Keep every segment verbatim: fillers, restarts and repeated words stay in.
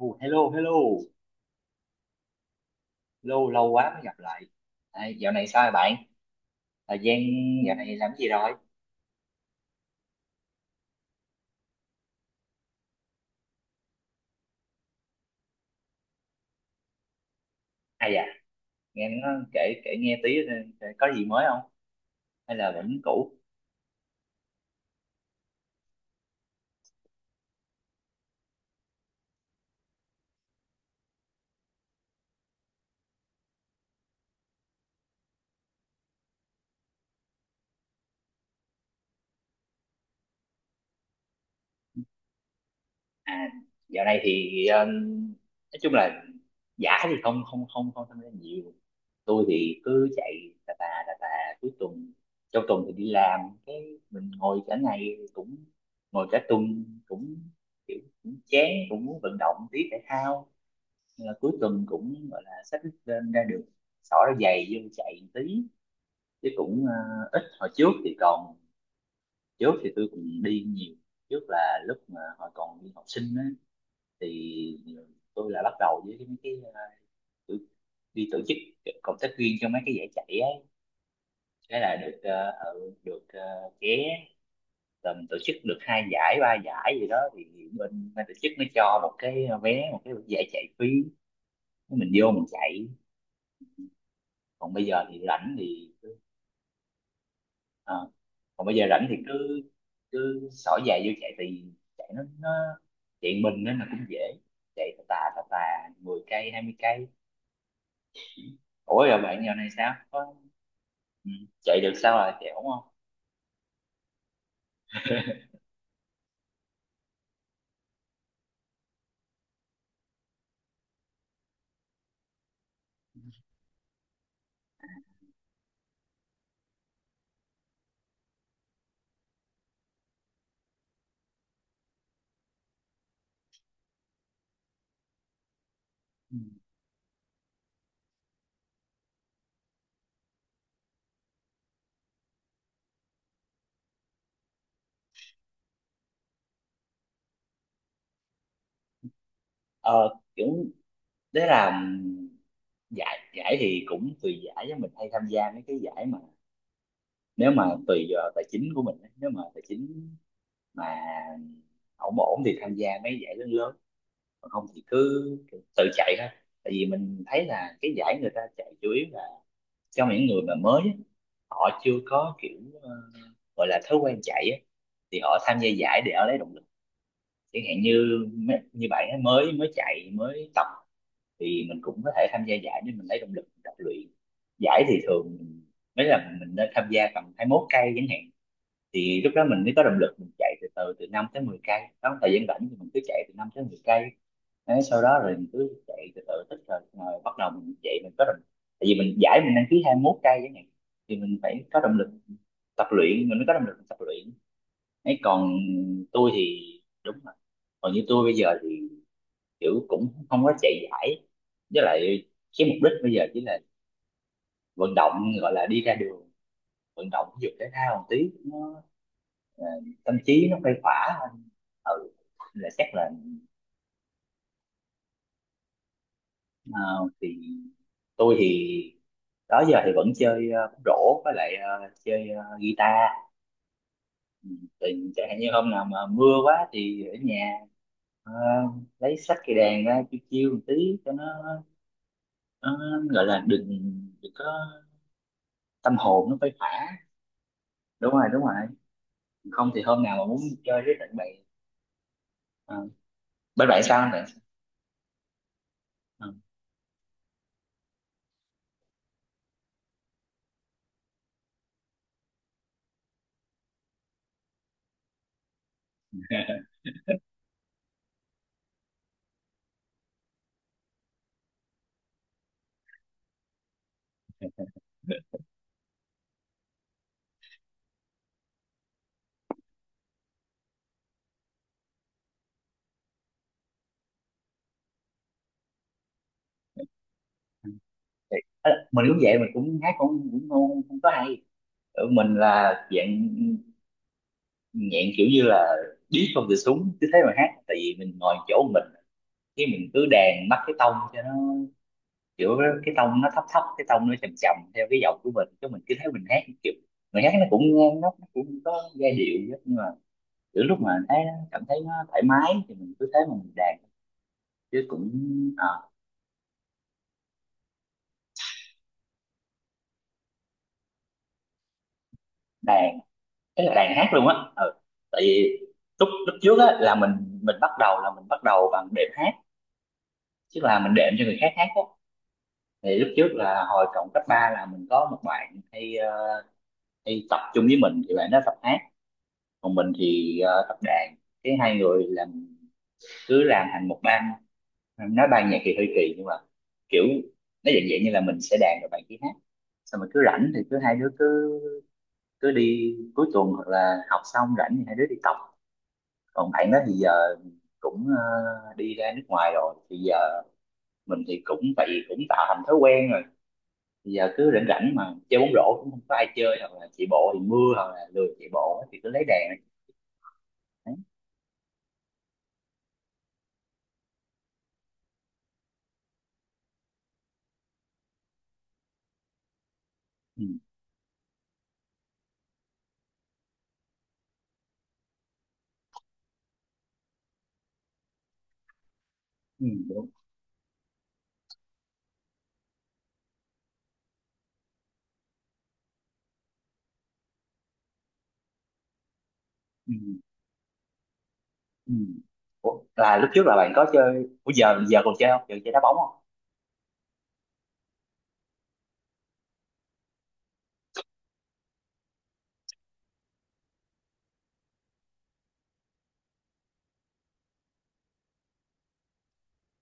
Oh, hello, hello, lâu lâu quá mới gặp lại. À, dạo này sao rồi bạn? Thời gian dạo này làm gì rồi? À dạ, nghe nó kể kể nghe tí, ờ, có gì mới không? Hay là vẫn cũ? À, dạo này thì ờ, nói chung là giả thì không không không không tham gia nhiều. Tôi thì cứ chạy tà tà tà tà cuối tuần, trong tuần thì đi làm, cái mình ngồi cả ngày cũng ngồi cả tuần cũng kiểu cũng chán, cũng muốn vận động tí thể thao. Nên là cuối tuần cũng gọi là xách lên ra đường, xỏ ra giày vô chạy một tí chứ cũng ờ, ít. Hồi trước thì còn trước thì tôi cũng đi nhiều, trước là lúc mà hồi còn đi học sinh á, thì tôi là bắt đầu với cái- mấy cái, ờ, tự- đi tổ chức cộng tác viên cho mấy cái giải chạy ấy, thế là được ờ, ừ, được ờ, vé, tầm tổ chức được hai giải ba giải gì đó thì bên ban tổ chức nó cho một cái, ờ, vé một cái giải chạy phí, mình vô mình chạy. Còn bây giờ thì rảnh thì. Ờ. Còn bây giờ rảnh thì cứ cứ xỏ giày vô chạy thì chạy nó nó chạy mình nên là cũng dễ, chạy tà tà tà tà mười cây hai mươi cây. Ủa rồi bạn giờ này sao có, ừ, chạy được sao à chạy ổn không? Ừ. ờ kiểu đấy là ừ, giải giải thì cũng tùy giải, với mình hay tham gia mấy cái giải mà nếu mà tùy vào tài chính của mình á, nếu mà tài chính mà ổn ổn thì tham gia mấy giải lớn lớn, còn không thì cứ tự chạy thôi. Tại vì mình thấy là cái giải người ta chạy chủ yếu là cho những người mà mới á, họ chưa có kiểu, ờ, gọi là thói quen chạy á, thì họ tham gia giải để họ lấy động lực, chẳng hạn như như bạn ấy mới mới chạy mới tập, thì mình cũng có thể tham gia giải để mình lấy động lực mình tập luyện. Giải thì thường mới là mình nên tham gia tầm hai mốt cây chẳng hạn, thì lúc đó mình mới có động lực mình chạy từ từ, từ năm tới mười cây đó, thời gian rảnh thì mình cứ chạy từ năm tới mười cây. Đấy, sau đó rồi mình cứ chạy từ từ tích rồi rồi bắt đầu mình chạy mình có động. Tại vì mình giải mình đăng ký hai mốt cây chẳng hạn thì mình phải có động lực tập luyện, mình mới có động lực tập luyện ấy. Còn tôi thì, đúng rồi, còn như tôi bây giờ thì kiểu cũng không có chạy giải, với lại cái mục đích bây giờ chỉ là vận động, gọi là đi ra đường vận động thể dục thể thao một tí nó, ờ, tâm trí nó khuây khỏa hơn. Ừ là chắc là. Ờ, thì tôi thì đó giờ thì vẫn chơi ờ, bóng rổ, với lại ờ, chơi ờ, guitar. Ừ, thì chẳng hạn như hôm nào mà mưa quá thì ở nhà, ờ, lấy sách cây đàn ra chiêu chiêu một tí cho nó nó gọi là đừng đừng có Tâm hồn nó phai phả. Đúng rồi đúng rồi. Không thì hôm nào mà muốn chơi với bạn bè, ờ, bên bạn sao anh bạn. Ờ, thì- ờ, mình cũng vậy, mình cũng hát cũng cũng không, không có hay. Ờ, mình là dạng nhẹn kiểu như là điếc không cửa súng cứ thế mà hát. Tại vì mình ngồi chỗ mình, cái mình cứ đàn bắt cái tông cho nó kiểu, cái tông nó thấp thấp, cái tông nó trầm trầm theo cái giọng của mình, chứ mình cứ thấy mình hát kiểu người hát nó cũng ngang, nó nó cũng có giai điệu chứ, nhưng mà kiểu lúc mà thấy nó- cảm thấy nó thoải mái thì mình cứ thế mà mình đàn chứ cũng, à, đàn cái là đàn hát luôn á. Ừ. Tại vì lúc lúc trước á là mình mình bắt đầu là mình bắt đầu bằng đệm hát, chứ là mình đệm cho người khác hát á, thì lúc trước là hồi cộng cấp ba là mình có một bạn hay, ờ, hay tập chung với mình, thì bạn đó tập hát còn mình thì ờ, tập đàn, cái hai người làm, cứ làm thành một ban, nói ban nhạc thì hơi kỳ nhưng mà kiểu nó dạng dạng như là mình sẽ đàn rồi bạn kia hát, xong rồi cứ rảnh thì cứ hai đứa cứ cứ đi cuối tuần hoặc là học xong rảnh thì hai đứa đi tập. Còn bạn đó thì giờ cũng ờ, đi ra nước ngoài rồi thì giờ mình thì cũng tại vì cũng tạo thành thói quen rồi. Bây giờ cứ rảnh rảnh mà chơi bóng rổ cũng không có ai chơi hoặc là chạy bộ thì mưa hoặc là lười chạy bộ á, thì cứ lấy đèn. Đấy. Ừ, ừ, đúng ừ, ừ. Ủa, là lúc trước là bạn có chơi. Ủa giờ giờ còn chơi không, giờ chơi đá bóng không?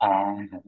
À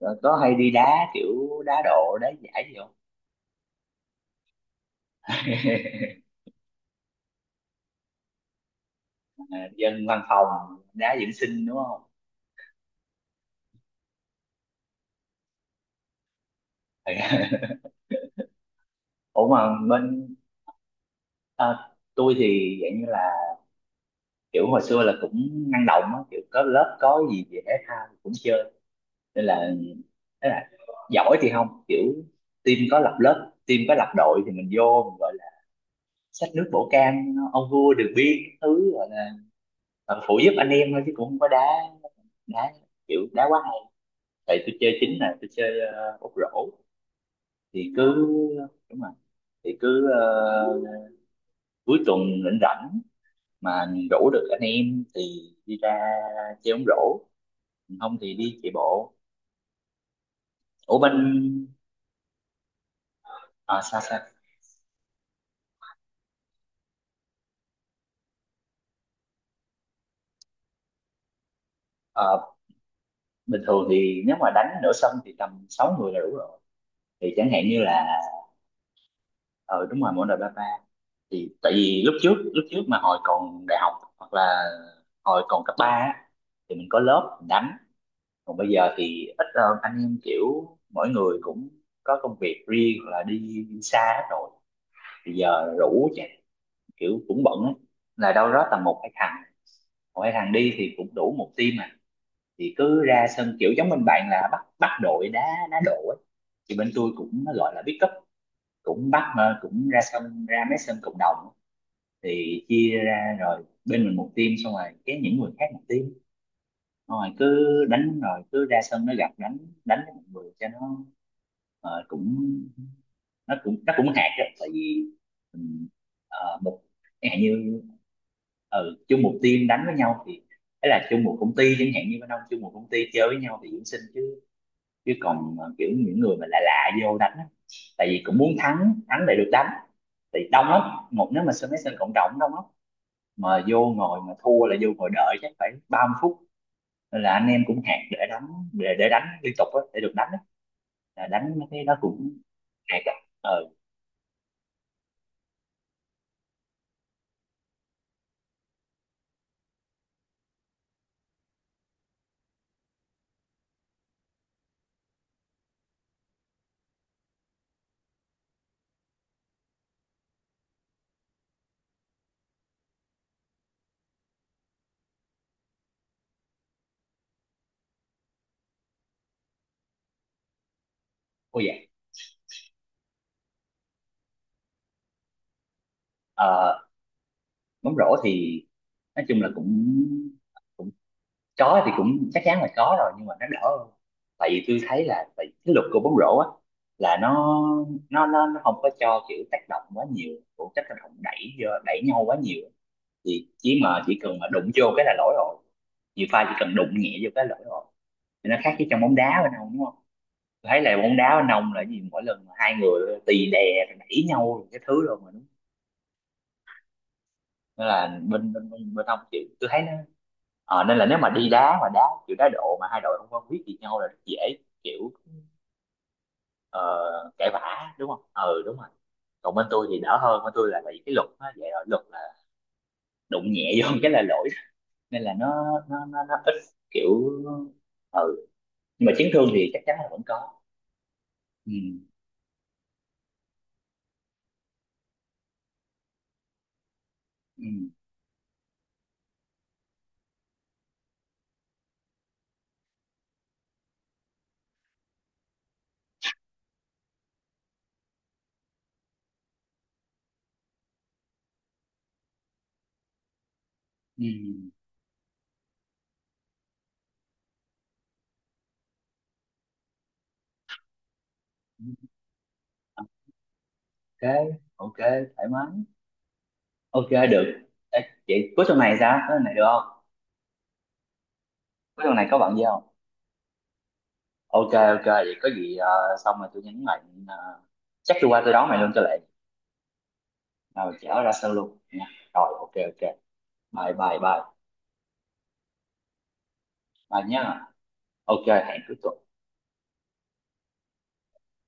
rồi có hay đi đá kiểu đá độ đá giải gì không? À, dân văn phòng đá dưỡng sinh đúng không? Ừ. Ủa mà bên, à, tôi thì dạng như là kiểu hồi xưa là cũng năng động á, kiểu có lớp có gì về thể thao cũng chơi, nên là thế là giỏi thì không kiểu team có lập lớp, team có lập đội thì mình vô mình gọi là xách nước bổ can ông vua đường biên các thứ, gọi là ờ, phụ giúp anh em thôi chứ cũng không có đá đá kiểu đá quá hay. Tại tôi chơi chính là tôi chơi, uh, ốc rổ, thì cứ, đúng rồi, thì cứ, ờ, cuối tuần rảnh rảnh mà rủ được anh em thì đi ra chơi bóng rổ không thì đi chạy bộ. Ủa bên, à, sao sao. Ờ, bình thường thì nếu mà đánh nửa sân thì tầm sáu người là đủ rồi, thì chẳng hạn như là, ờ đúng rồi, mỗi đội ba ba. Thì tại vì lúc trước lúc trước mà hồi còn đại học hoặc là hồi còn cấp ba á, thì mình có lớp mình đánh. Còn bây giờ thì ít hơn, anh em kiểu mỗi người cũng có công việc riêng hoặc là đi, đi xa hết rồi, bây giờ rủ chắc kiểu cũng bận á, là đâu đó tầm một hai thằng, một hai thằng đi thì cũng đủ một team mà, thì cứ ra sân kiểu giống bên bạn là bắt bắt đội đá, đá độ á, thì bên tôi cũng gọi là pick up, cũng bắt mà cũng ra sân, ra mấy sân cộng đồng, thì chia ra rồi bên mình một team xong rồi cái những người khác một team, xong rồi cứ đánh rồi cứ ra sân nó gặp đánh, đánh với mọi người cho nó, ờ, cũng nó cũng nó cũng hạt đó. Tại vì mình, ờ, một chẳng hạn như ừ, chung một team đánh với nhau thì ấy là chung một công ty, chẳng hạn như bên ông chung một công ty chơi với nhau thì dưỡng sinh chứ. Chứ còn ờ, kiểu những người mà lạ lạ vô đánh á, tại vì cũng muốn thắng thắng để được đánh thì đông lắm. Một nếu mà sân mấy sân cộng đồng đông lắm, mà vô ngồi mà thua là vô ngồi đợi chắc phải ba mươi phút. Nên là anh em cũng hẹn để đánh, để, để đánh liên tục á, để được đánh á, là đánh mấy cái đó cũng hẹn. Ờ. Ôi dạ. Ờ, bóng rổ thì nói chung là cũng có thì cũng chắc chắn là có rồi nhưng mà nó đỡ hơn. Tại vì tôi thấy là tại vì cái luật của bóng rổ á, là nó nó nó nó không có cho kiểu tác động quá nhiều, cũng tác động đẩy vô đẩy nhau quá nhiều, thì chỉ mà chỉ cần mà đụng vô cái là lỗi rồi, nhiều pha chỉ cần đụng nhẹ vô cái là lỗi rồi, thì nó khác với trong bóng đá bên ông đúng không. Tôi thấy là bóng đá bên ông là gì mỗi lần hai người tì đè rồi đẩy nhau rồi cái thứ rồi mà đúng, nên là bên bên bên, bên ông chịu, tôi thấy nó. Ờ, nên là nếu mà đi đá mà đá kiểu đá độ mà hai đội không quen biết gì nhau là rất dễ kiểu, ờ, cãi vã đúng không? Ừ đúng rồi. Còn bên tôi thì đỡ hơn, bên tôi là vì cái luật nó vậy rồi, luật là đụng nhẹ vô cái là lỗi, nên là nó nó nó, nó ít kiểu ừ nhưng mà chấn thương thì chắc chắn là vẫn có. Ừ ừ ừ ok ok thoải mái, ok được. Ê, vậy cuối tuần này sao? Cuối tuần này được không? Cuối tuần này có bạn gì không? Ok ok vậy có gì, ờ, xong rồi tôi nhắn lại, ờ, chắc tôi qua tôi đón mày luôn cho lẹ, rồi chở ra sân luôn nha, rồi ok ok, bye bye bye, bye nhá, ok hẹn cuối tuần.